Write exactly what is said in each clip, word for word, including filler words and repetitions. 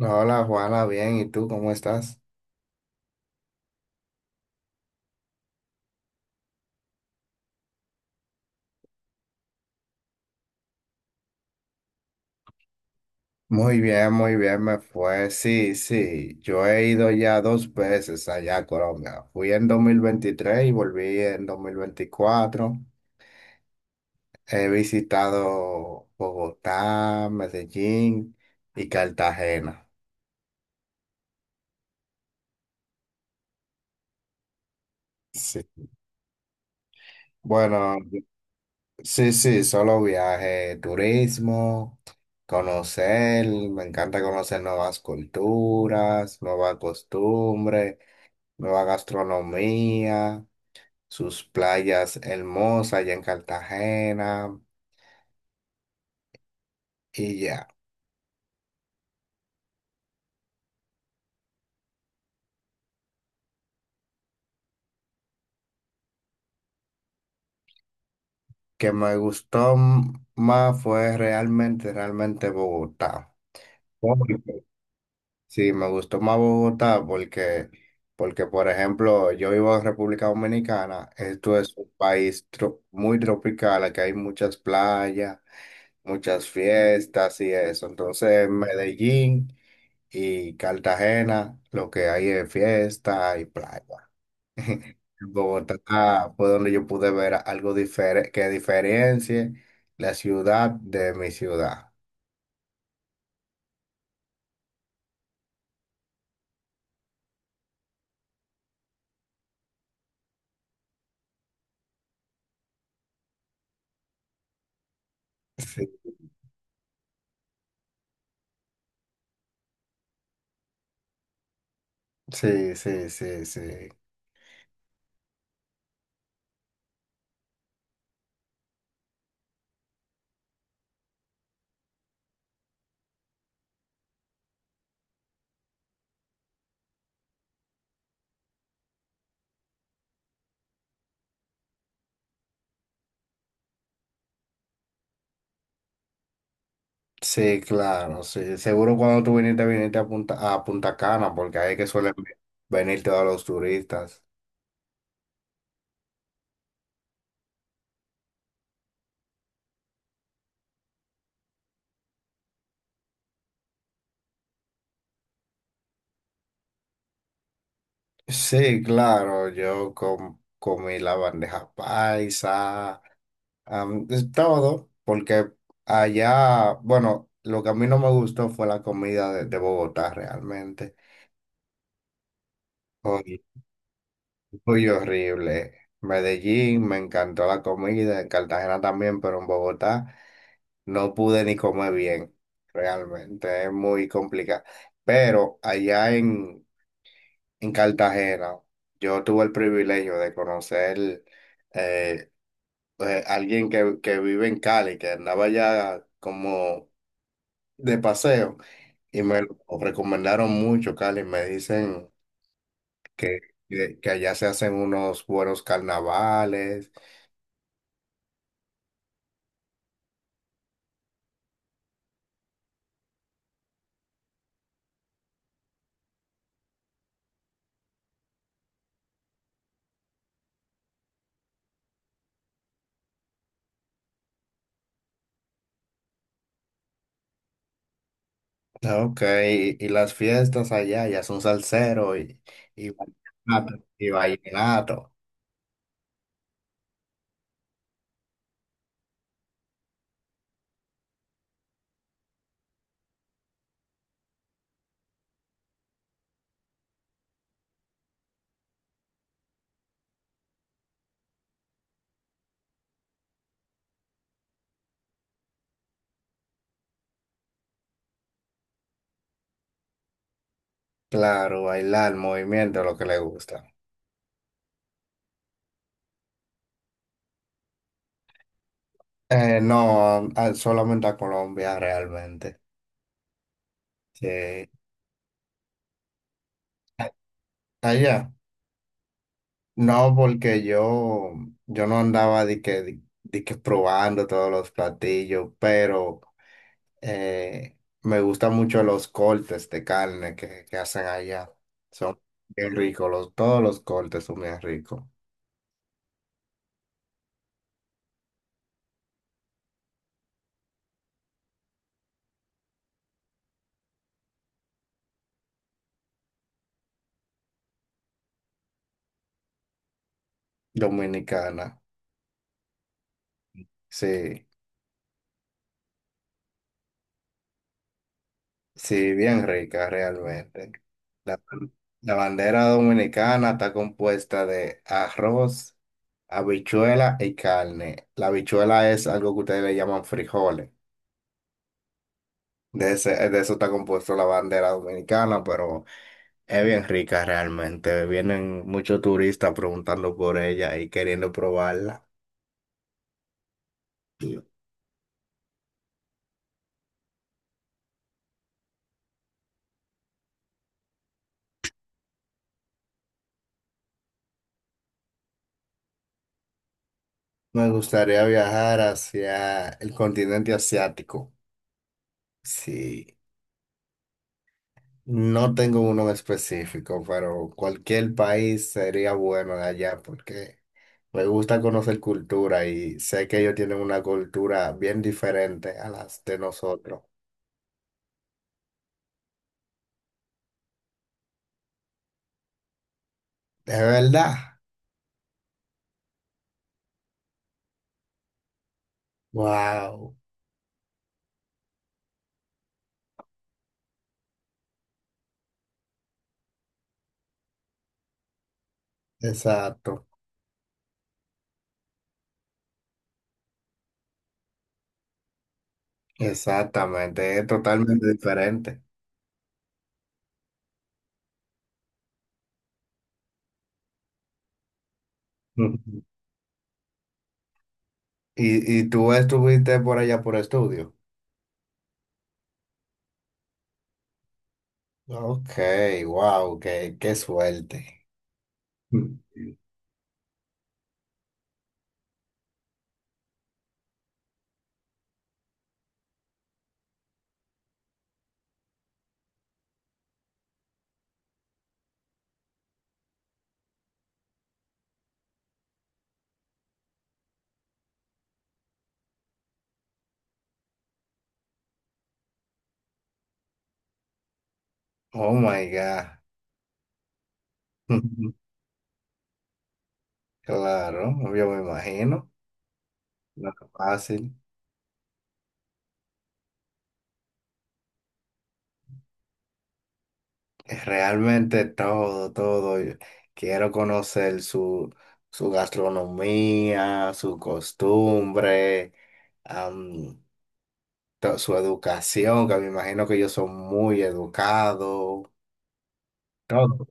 Hola Juana, bien, ¿y tú cómo estás? Muy bien, muy bien, me fue. Sí, sí, yo he ido ya dos veces allá a Colombia. Fui en dos mil veintitrés y volví en dos mil veinticuatro. He visitado Bogotá, Medellín y Cartagena. Sí. Bueno, sí, sí, solo viaje, turismo, conocer, me encanta conocer nuevas culturas, nuevas costumbres, nueva gastronomía. Sus playas hermosas allá en Cartagena y ya. Que me gustó m- más fue realmente, realmente Bogotá. Porque- Sí, me gustó más Bogotá porque, porque por ejemplo, yo vivo en República Dominicana, esto es un país tro- muy tropical, aquí hay muchas playas, muchas fiestas y eso. Entonces, en Medellín y Cartagena, lo que hay es fiesta y playa. Bogotá fue donde yo pude ver algo diferente que diferencie la ciudad de mi ciudad. Sí, sí, sí, sí, sí. Sí, claro, sí. Seguro cuando tú viniste, viniste a Punta, a Punta Cana, porque ahí es que suelen ve- venir todos los turistas. Sí, claro, yo com- comí la bandeja paisa, am, es todo, porque allá, bueno, lo que a mí no me gustó fue la comida de, de Bogotá realmente. Uy, uy, horrible. Medellín, me encantó la comida, en Cartagena también, pero en Bogotá no pude ni comer bien. Realmente es muy complicado. Pero allá en, en Cartagena, yo tuve el privilegio de conocer eh, eh, alguien que, que vive en Cali, que andaba allá como de paseo, y me lo recomendaron mucho, Cali. Me dicen que, que que allá se hacen unos buenos carnavales. Ah, ok, y, y las fiestas allá ya son salsero y, y vallenato, y vallenato. Claro, bailar, movimiento, lo que le gusta. Eh, no, a- solamente a Colombia realmente. Sí. A- Allá. No, porque yo, yo no andaba de que, de, de que probando todos los platillos, pero eh, me gustan mucho los cortes de carne que, que hacen allá. Son bien ricos, los, todos los cortes son bien ricos. Dominicana, sí, sí, bien rica realmente. La, la bandera dominicana está compuesta de arroz, habichuela y carne. La habichuela es algo que ustedes le llaman frijoles. De ese, de eso está compuesto la bandera dominicana, pero es bien rica realmente. Vienen muchos turistas preguntando por ella y queriendo probarla. Me gustaría viajar hacia el continente asiático. Sí. No tengo uno en específico, pero cualquier país sería bueno de allá porque me gusta conocer cultura y sé que ellos tienen una cultura bien diferente a las de nosotros. ¿De verdad? Wow, exacto, exactamente, es totalmente diferente. Ujú. ¿Y, y tú estuviste por allá por estudio? Ok, wow, qué, qué suerte. Mm. Oh my God. Claro, yo me imagino. Lo que fácil. Es realmente todo, todo. Yo quiero conocer su, su gastronomía, su costumbre, am, to- su educación, que me imagino que ellos son muy educados. Todo.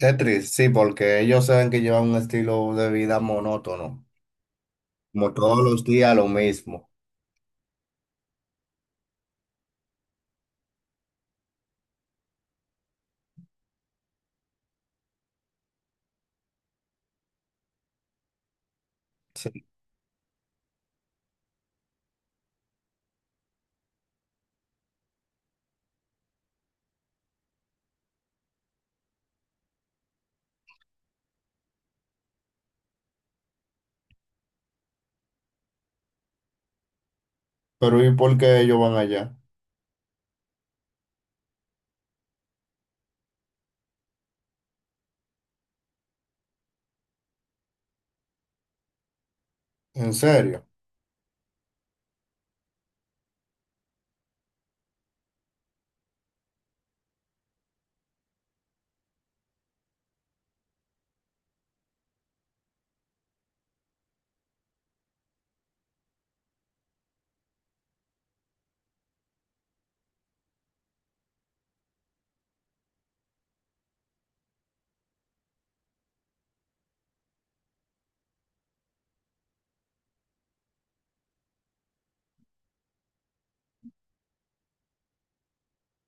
Es triste, sí, porque ellos saben que llevan un estilo de vida monótono, como todos los días lo mismo. Sí. Pero ¿y por qué ellos van allá? ¿En serio?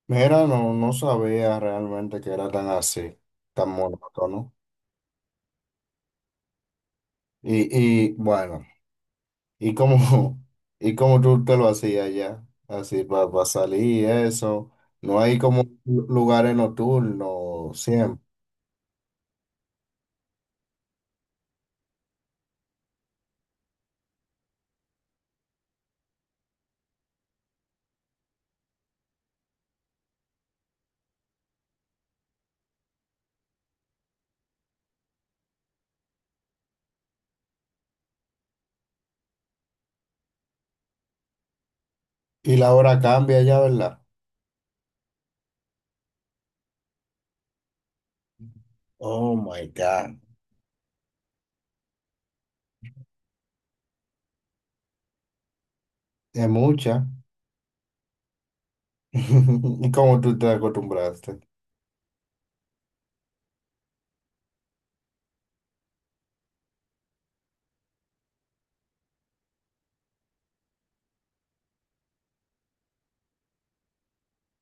Mira, no, no sabía realmente que era tan así, tan monótono. Y, y bueno, ¿y cómo, y cómo tú te lo hacías ya? Así para salir, y eso. No hay como lu- lugares nocturnos siempre. Y la hora cambia ya, ¿verdad? Oh my God. Es mucha. ¿Y cómo tú te acostumbraste?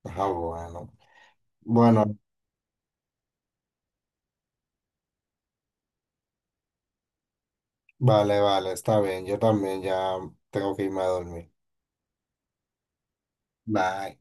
Ah, bueno. Bueno, vale, vale, está bien. Yo también ya tengo que irme a dormir. Bye.